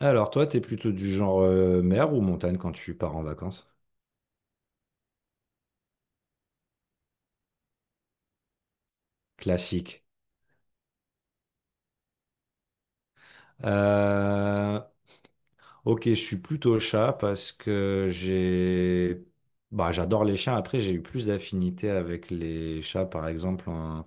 Alors, toi, t'es plutôt du genre mer ou montagne quand tu pars en vacances? Classique. Euh, Ok, je suis plutôt chat parce que bah, j'adore les chiens. Après, j'ai eu plus d'affinité avec les chats, par exemple en,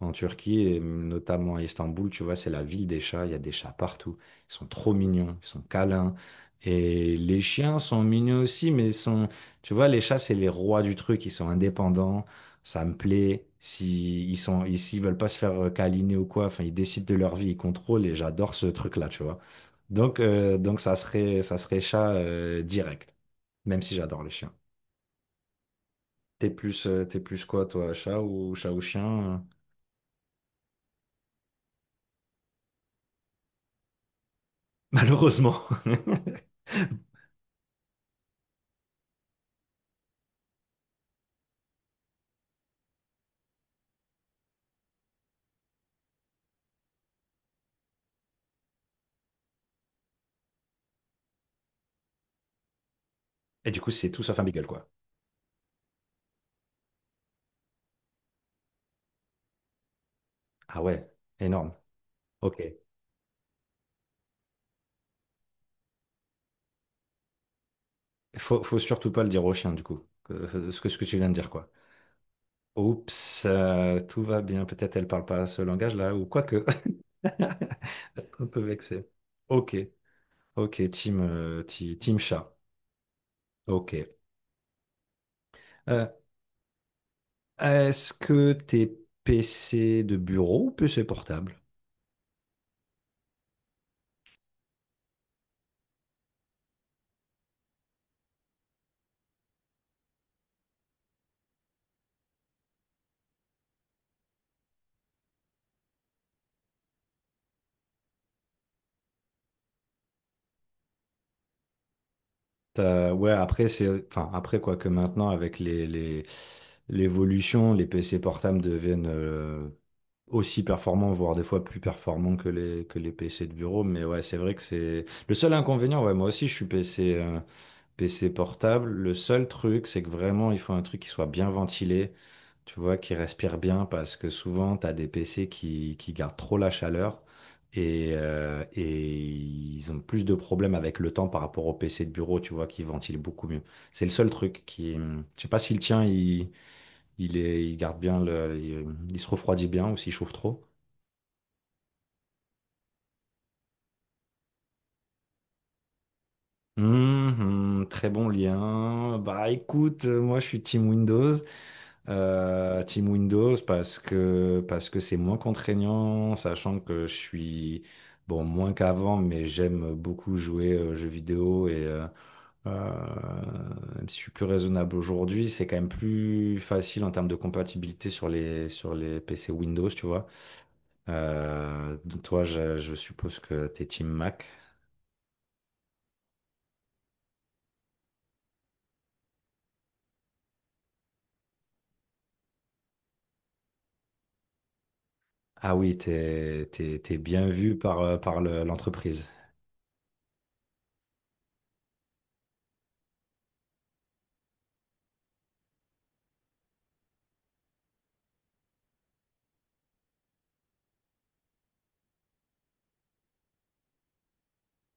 en Turquie et notamment à Istanbul. Tu vois, c'est la ville des chats. Il y a des chats partout. Ils sont trop mignons, ils sont câlins. Et les chiens sont mignons aussi, mais ils sont, tu vois, les chats, c'est les rois du truc. Ils sont indépendants. Ça me plaît. Si ils sont, ils- s'ils veulent pas se faire câliner ou quoi, enfin, ils décident de leur vie, ils contrôlent. Et j'adore ce truc-là, tu vois. Donc ça serait chat direct, même si j'adore les chiens. T'es plus quoi, toi, chat ou chien? euh Malheureusement. Et du coup, c'est tout sauf un beagle, quoi. Ah ouais, énorme. Ok. Faut surtout pas le dire au chien, du coup. Ce que tu viens de dire, quoi. Oups, tout va bien. Peut-être elle parle pas ce langage-là, ou quoi que. Un peu vexé. Ok, ok, team chat. Ok. Euh, Est-ce que t'es PC de bureau ou PC portable? Ouais, après, c'est... Enfin, après, quoi que maintenant, avec les, l'évolution, les PC portables deviennent aussi performants, voire des fois plus performants que les, PC de bureau. Mais ouais, c'est vrai que c'est... Le seul inconvénient, ouais, moi aussi, je suis PC, PC portable, le seul truc, c'est que vraiment, il faut un truc qui soit bien ventilé, tu vois, qui respire bien, parce que souvent, tu as des PC qui gardent trop la chaleur et ils ont plus de problèmes avec le temps par rapport aux PC de bureau, tu vois, qui ventilent beaucoup mieux. C'est le seul truc qui... Je sais pas si le tien, il, est, il garde bien, il se refroidit bien ou s'il chauffe trop. Très bon lien. Bah écoute, moi je suis Team Windows. Team Windows parce que c'est moins contraignant, sachant que je suis bon moins qu'avant, mais j'aime beaucoup jouer aux jeux vidéo et euh, même si je suis plus raisonnable aujourd'hui, c'est quand même plus facile en termes de compatibilité sur les PC Windows, tu vois. Donc toi, je suppose que t'es Team Mac. Ah oui, t'es bien vu par l'entreprise.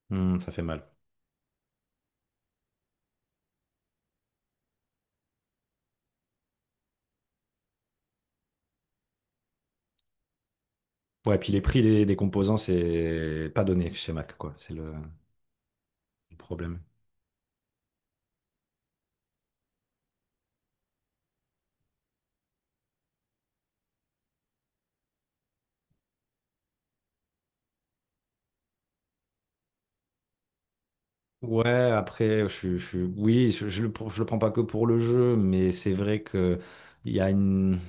Hmm, ça fait mal. Ouais, puis les prix des, composants, c'est pas donné chez Mac, quoi. C'est le problème. Ouais, après, oui, je le prends pas que pour le jeu, mais c'est vrai que il y a une.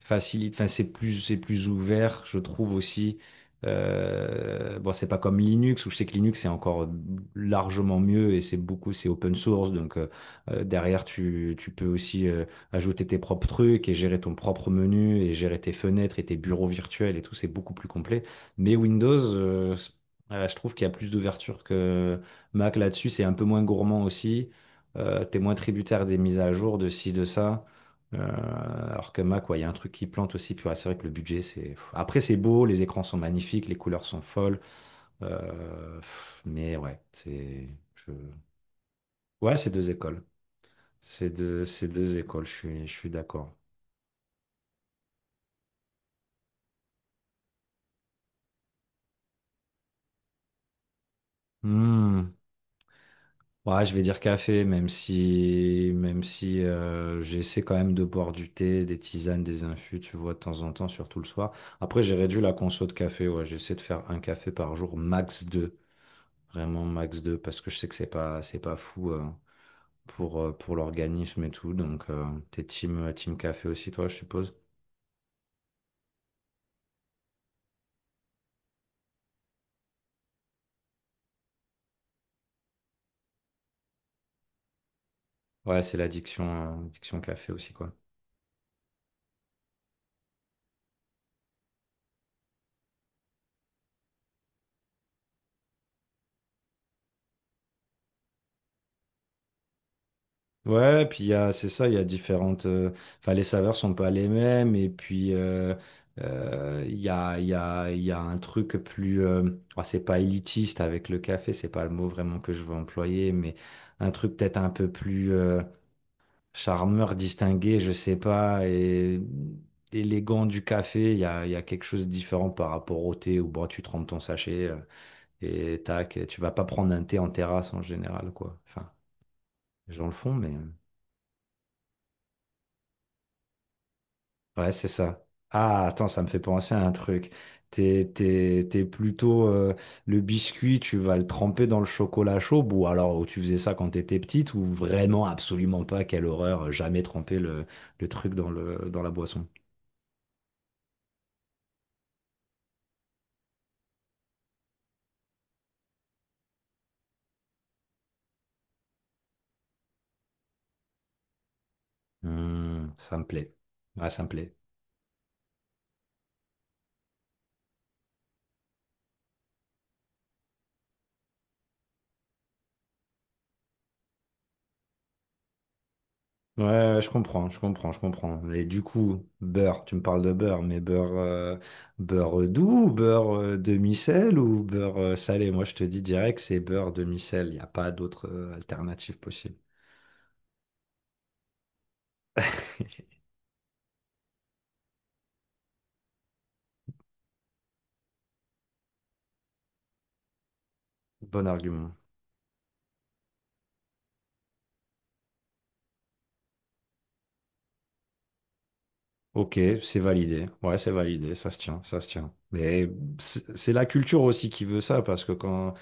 Facilite, enfin c'est plus ouvert, je trouve aussi. Bon, c'est pas comme Linux où je sais que Linux c'est encore largement mieux et c'est beaucoup c'est open source donc derrière tu peux aussi ajouter tes propres trucs et gérer ton propre menu et gérer tes fenêtres et tes bureaux virtuels et tout c'est beaucoup plus complet. Mais Windows je trouve qu'il y a plus d'ouverture que Mac là-dessus c'est un peu moins gourmand aussi. T'es moins tributaire des mises à jour de ci de ça. Alors que Mac, ouais, il y a un truc qui plante aussi. Puis ouais, c'est vrai que le budget, c'est. Pff. Après, c'est beau, les écrans sont magnifiques, les couleurs sont folles. Pff, mais ouais, c'est. je- Ouais, c'est deux écoles. C'est deux écoles, je suis d'accord. Hmm. Ouais, je vais dire café, même si j'essaie quand même de boire du thé, des tisanes, des infus, tu vois, de temps en temps, surtout le soir. Après, j'ai réduit la conso de café. Ouais, j'essaie de faire un café par jour, max deux. Vraiment max 2 parce que je sais que c'est pas, fou pour l'organisme et tout. Donc, t'es team, team café aussi, toi, je suppose. Ouais, c'est l'addiction addiction café aussi, quoi. Ouais, et puis il y a, c'est ça, il y a différentes. Enfin, les saveurs sont pas les mêmes. Et puis, il y a, il y a, il y a un truc plus. Oh, c'est pas élitiste avec le café, c'est pas le mot vraiment que je veux employer, mais un truc peut-être un peu plus. Charmeur distingué, je sais pas, et élégant du café, il y a quelque chose de différent par rapport au thé où bon, tu trempes ton sachet et tac, et tu vas pas prendre un thé en terrasse en général, quoi. Enfin, les gens le font, mais ouais, c'est ça. Ah, attends, ça me fait penser à un truc. T'es plutôt le biscuit, tu vas le tremper dans le chocolat chaud, ou alors ou tu faisais ça quand t'étais petite, ou vraiment absolument pas, quelle horreur, jamais tremper le truc dans le, dans la boisson. Hmm, ça me plaît. Ouais, ça me plaît. Ouais, ouais, je comprends, je comprends, je comprends. Et du coup, beurre, tu me parles de beurre, mais beurre, beurre doux, ou beurre demi-sel ou beurre salé? Moi, je te dis direct, c'est beurre demi-sel. Il n'y a pas d'autre alternative possible. Bon argument. Ok, c'est validé. Ouais, c'est validé, ça se tient, ça se tient. Mais c'est la culture aussi qui veut ça, parce que quand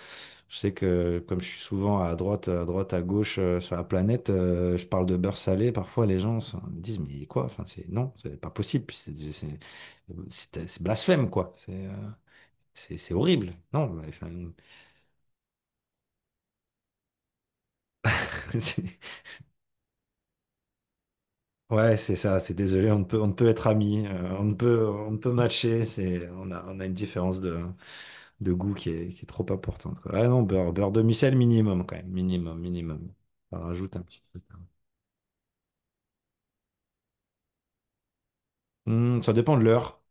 je sais que comme je suis souvent à droite, à droite, à gauche sur la planète, je parle de beurre salé, parfois les gens me disent mais quoi? Enfin, c'est non, c'est pas possible, puis c'est blasphème quoi. C'est horrible. Non, mais, enfin, c'est- ouais, c'est ça. C'est désolé, on ne peut être amis, on ne peut matcher. C'est on a une différence de goût qui est trop importante, quoi. Ah non, beurre, beurre demi-sel minimum quand même, minimum, minimum. Ça rajoute un petit peu. Hmm, ça dépend de l'heure.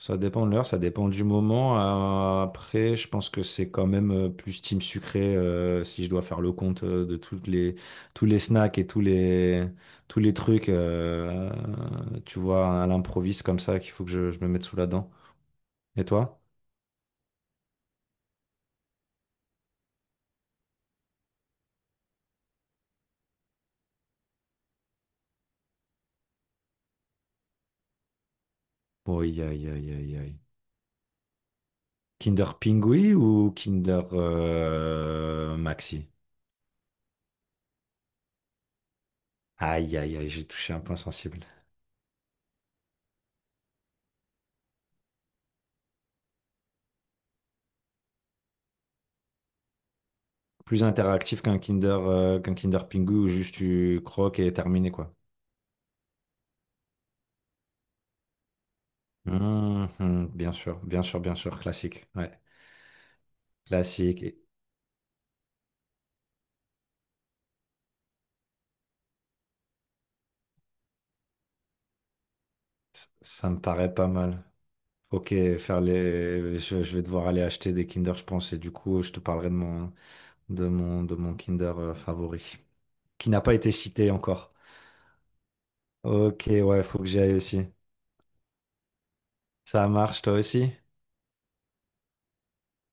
Ça dépend de l'heure, ça dépend du moment. Après, je pense que c'est quand même plus team sucré si je dois faire le compte de toutes les, tous les, snacks et tous les trucs, tu vois, à l'improviste comme ça qu'il faut que je me mette sous la dent. Et toi? Oui, aïe, aïe, aïe, aïe. Kinder Pingui ou Kinder Maxi? Aïe, aïe, aïe, j'ai touché un point sensible. Plus interactif qu'un Kinder, qu'un Kinder Pingu où juste tu croques et terminé, quoi. Bien sûr, bien sûr, bien sûr, classique. Ouais, classique. Et ça me paraît pas mal. Ok, faire les... je vais devoir aller acheter des Kinder, je pense, et du coup, je te parlerai de mon, de mon Kinder favori, qui n'a pas été cité encore. Ok, ouais, faut que j'y aille aussi. Ça marche, toi aussi?